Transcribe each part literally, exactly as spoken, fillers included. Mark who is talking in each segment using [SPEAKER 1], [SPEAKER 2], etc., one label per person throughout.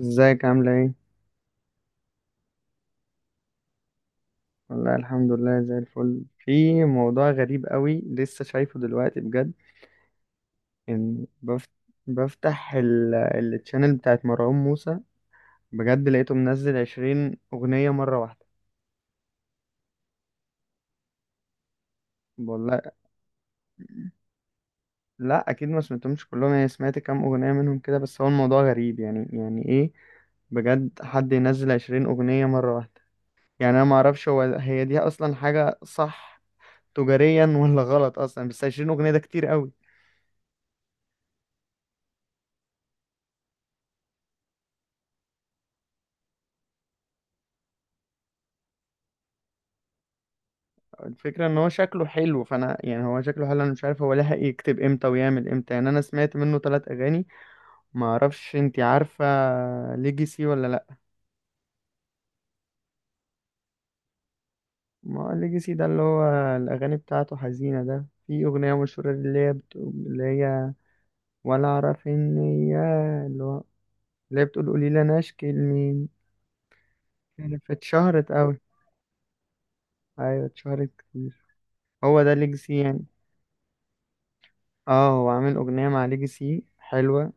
[SPEAKER 1] ازيك عاملة ايه؟ والله الحمد لله زي الفل. في موضوع غريب قوي لسه شايفه دلوقتي بجد، ان بفت... بفتح ال... التشانل بتاعت مروان موسى. بجد لقيته منزل عشرين أغنية مرة واحدة. والله. لا أكيد ما سمعتهمش كلهم، يعني سمعت كام أغنية منهم كده. بس هو الموضوع غريب، يعني يعني ايه؟ بجد حد ينزل عشرين أغنية مرة واحدة؟ يعني أنا معرفش هو هي دي أصلا حاجة صح تجاريا ولا غلط أصلا، بس عشرين أغنية ده كتير قوي. الفكرة ان هو شكله حلو، فانا يعني هو شكله حلو، انا مش عارف هو لحق يكتب امتى ويعمل امتى. يعني انا سمعت منه ثلاث اغاني. ما اعرفش، انتي عارفة ليجيسي ولا لا؟ ما هو ليجيسي ده اللي هو الاغاني بتاعته حزينة. ده في اغنية مشهورة اللي هي بتقول اللي هي ولا اعرف ان هي اللي هو اللي هي بتقول قولي لي انا اشكي لمين، يعني فاتشهرت قوي. ايوه اتشهرت كتير. هو ده ليجيسي يعني. اه، هو عامل اغنية مع ليجيسي حلوة.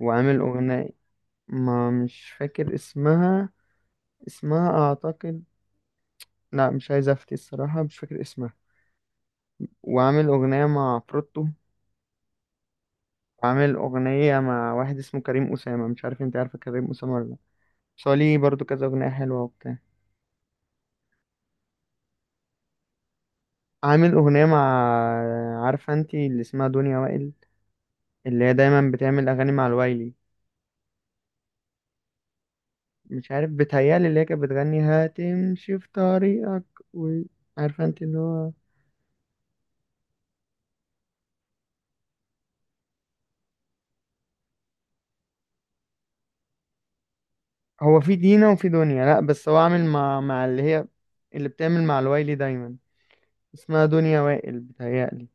[SPEAKER 1] وعامل اغنية، ما مش فاكر اسمها. اسمها اعتقد، لا مش عايز افتي الصراحة، مش فاكر اسمها. وعامل اغنية مع فروتو. وعامل اغنية مع واحد اسمه كريم أسامة، مش عارف انت عارفة كريم أسامة ولا لا. بس هو ليه برضه كذا اغنية حلوة وبتاع. عامل اغنية مع، عارفة انت اللي اسمها دنيا وائل، اللي هي دايما بتعمل اغاني مع الوايلي. مش عارف، بتهيألي اللي هي كانت بتغني هتمشي في طريقك، و... عارفة انت اللي هو، هو في دينا وفي دنيا. لا بس هو عامل مع مع اللي هي، اللي بتعمل مع الوايلي دايما، اسمها دنيا وائل بتهيألي.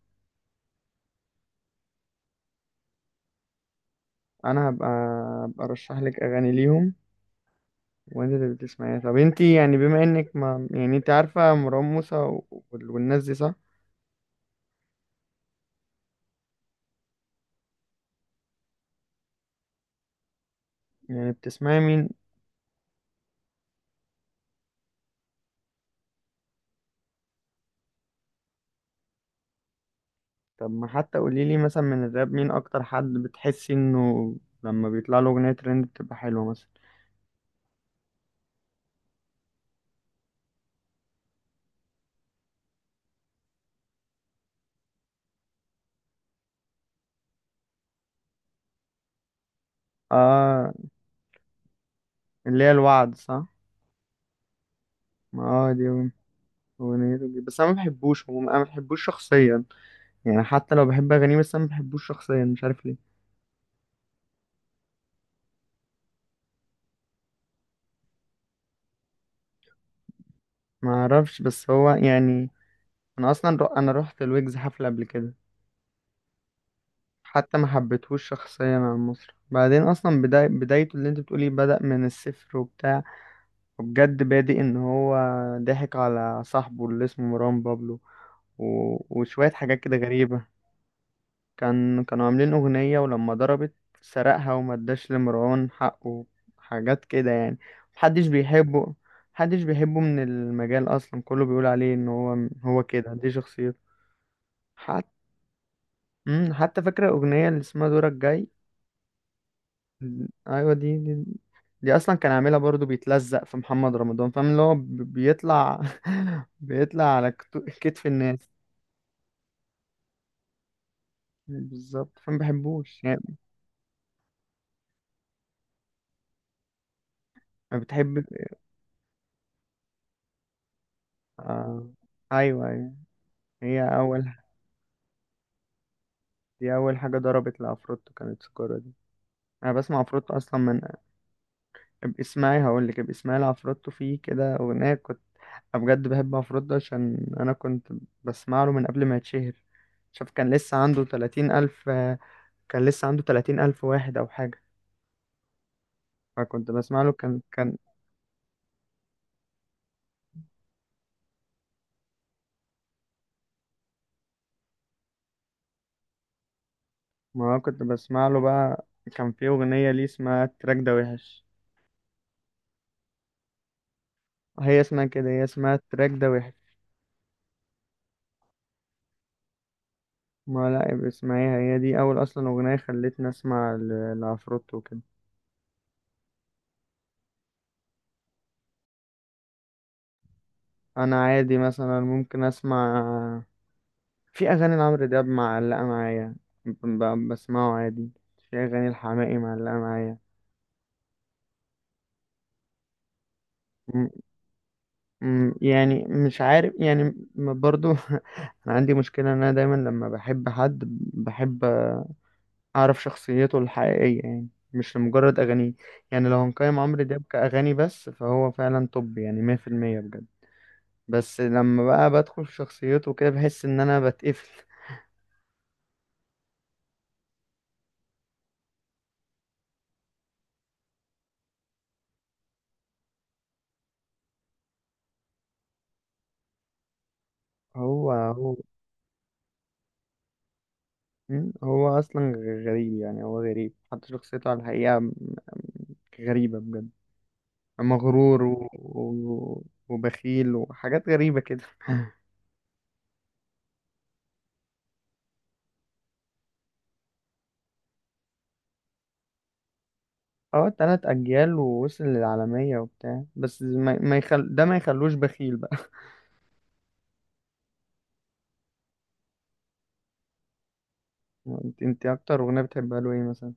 [SPEAKER 1] انا هبقى هبقى ارشح لك اغاني ليهم وانت اللي بتسمعيها. طب انت يعني بما انك ما يعني انت عارفه مروان موسى و- وال- والناس دي صح، يعني بتسمعي مين؟ طب ما حتى قولي لي مثلا، من الراب مين اكتر حد بتحسي انه لما بيطلع له اغنيه ترند بتبقى حلوه مثلا؟ اه، اللي هي الوعد صح؟ ما اه دي اغنيته دي، بس انا ما بحبوش عموما، انا ما بحبوش شخصيا. يعني حتى لو بحب اغانيه، بس انا ما بحبوش شخصيا، مش عارف ليه. ما اعرفش بس هو يعني، انا اصلا رو... انا رحت الويجز حفله قبل كده، حتى ما حبيتهوش شخصيا عن مصر. بعدين اصلا بداي... بدايته اللي انت بتقولي بدأ من الصفر وبتاع، وبجد بادئ ان هو ضحك على صاحبه اللي اسمه مروان بابلو، و... وشويه حاجات كده غريبه. كان كانوا عاملين اغنيه ولما ضربت، سرقها وما اداش لمروان حقه، حاجات كده يعني. محدش بيحبه. محدش بيحبه من المجال اصلا، كله بيقول عليه ان هو هو كده دي شخصيته. امم حتى فاكرة الأغنية اللي اسمها دورك جاي؟ أيوة دي دي, دي أصلا كان عاملها برضو بيتلزق في محمد رمضان، فاهم اللي هو ب- بيطلع بيطلع على كتو- كتف الناس. بالظبط، فما بحبوش يعني. ما بتحب. آه. أيوة أيوة، هي أول، دي أول حاجة ضربت لعفروتو كانت سكورة دي. أنا بسمع عفروتو أصلا من، اسمعي هقولك، اسمعي لعفروتو فيه كده أغنية كنت، أنا بجد بحب، مفروض ده عشان أنا كنت بسمع له من قبل ما يتشهر. شوف كان لسه عنده تلاتين ألف، كان لسه عنده تلاتين ألف واحد أو حاجة. فكنت بسمع له كان كان، ما كنت بسمع له بقى. كان في أغنية ليه اسمها التراك ده وحش، هي اسمها كده، هي اسمها التراك ده وحش. ما لا يبقى اسمعيها، هي دي أول أصلا أغنية خلتني أسمع ل- لعفروتو وكده. أنا عادي مثلا ممكن أسمع، في اغاني لعمرو دياب معلقه معايا، ب- ب- بسمعه عادي. في اغاني الحماقي معلقه معايا. م- م- يعني مش عارف يعني، م- برضو انا عندي مشكله ان انا دايما لما بحب حد، بحب اعرف شخصيته الحقيقيه، يعني مش لمجرد اغانيه. يعني لو هنقيم عمرو دياب كاغاني بس، فهو فعلا توب، يعني مية في المية، بجد. بس لما بقى بدخل في شخصيته كده بحس ان انا بتقفل. هو هو مم. هو اصلا غريب. يعني هو غريب حتى شخصيته على الحقيقة، م- م- غريبة بجد. مغرور، و... و... وبخيل وحاجات غريبة كده اه، تلات اجيال ووصل للعالمية وبتاع، بس ما, ما يخل... ده ما يخلوش بخيل بقى. انت, انت اكتر اغنية بتحبها له ايه مثلا؟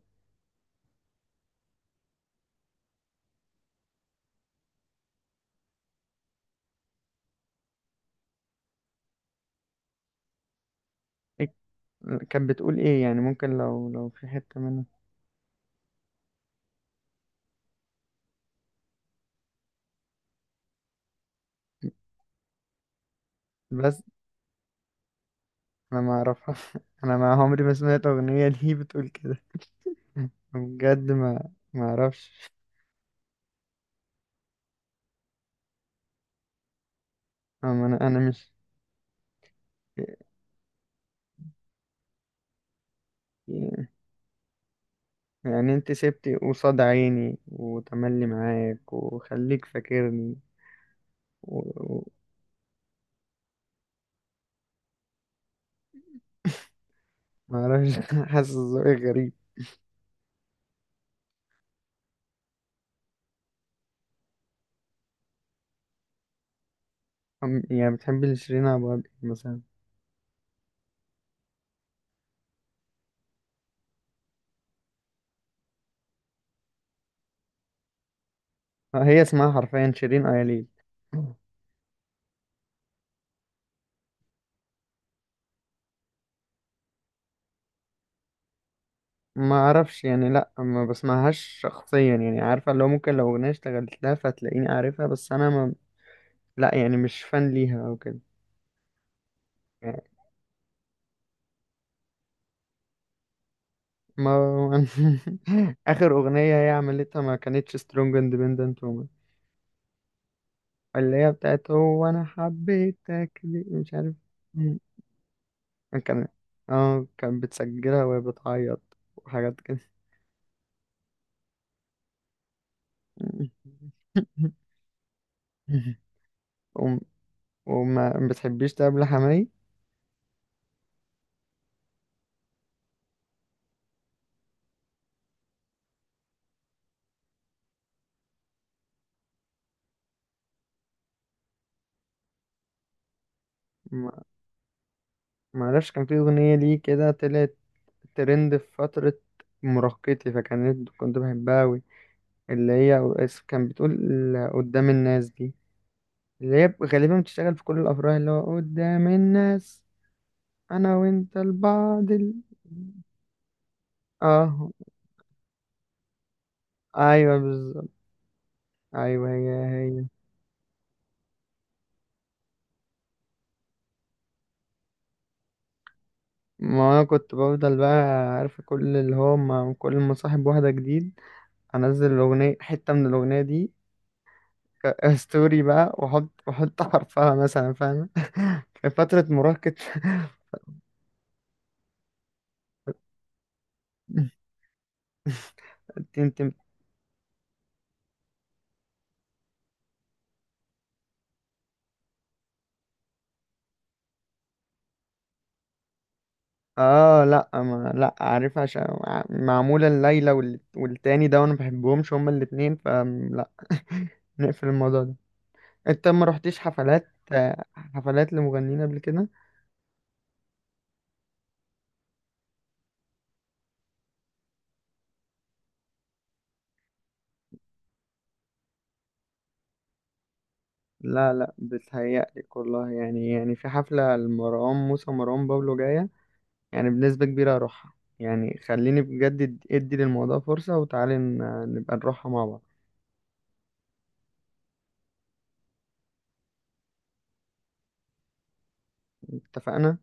[SPEAKER 1] إيه... كانت بتقول ايه يعني؟ ممكن لو لو في حتة منها، بس انا ما اعرفها. انا ما عمري ما سمعت اغنية دي بتقول كده. بجد ما ما اعرفش. أم- انا انا مش، يعني يعني انت سبتي قصاد عيني وتملي معاك وخليك فاكرني. و... و... معرفش حاسس ذوقك غريب. أم- يعني بتحبي لشيرين أبو عبد الوهاب مثلا؟ آه، هي اسمها حرفيا شيرين أياليل. ما اعرفش يعني، لا ما بسمعهاش شخصيا. يعني عارفه اللي هو ممكن لو اغنيه اشتغلت لها فتلاقيني عارفها، بس انا ما، لا يعني مش فان ليها او كده. يعني، ما اخر اغنيه هي عملتها ما كانتش سترونج اندبندنت، اللي هي بتاعت هو انا حبيتك دي، مش عارف. مم. كان، اه كانت بتسجلها وهي بتعيط وحاجات كده. مم. وم- وما بتحبيش تقابل حماي. ما ما اعرفش، كان في اغنيه ليه كده طلعت ترند في فتره مراهقتي، فكانت كنت بحبها قوي، اللي هي اس- كان بتقول قدام الناس دي، اللي هي غالبا بتشتغل في كل الافراح، اللي هو قدام الناس انا وانت لبعض ال... اه، ايوه بالظبط. ايوه هي هي. ما انا كنت بفضل بقى، عارف كل اللي هو، ما كل ما صاحب واحده جديد انزل الاغنيه، حته من الاغنيه دي ك- ستوري بقى، واحط واحط حرفها مثلا، فاهم في فتره مراهقه انت انت اه، لا ما لا عارف، عشان مع- معموله الليله وال... والتاني ده، وانا ما بحبهمش هما الاتنين فلا نقفل الموضوع ده. انت ما رحتيش حفلات آه، حفلات لمغنيين قبل كده؟ لا لا، بتهيألي والله يعني يعني في حفلة لمروان موسى ومروان بابلو جاية، يعني بنسبة كبيرة هروحها. يعني خليني بجد ادي للموضوع فرصة، وتعالي ن- نبقى نروحها مع بعض. اتفقنا.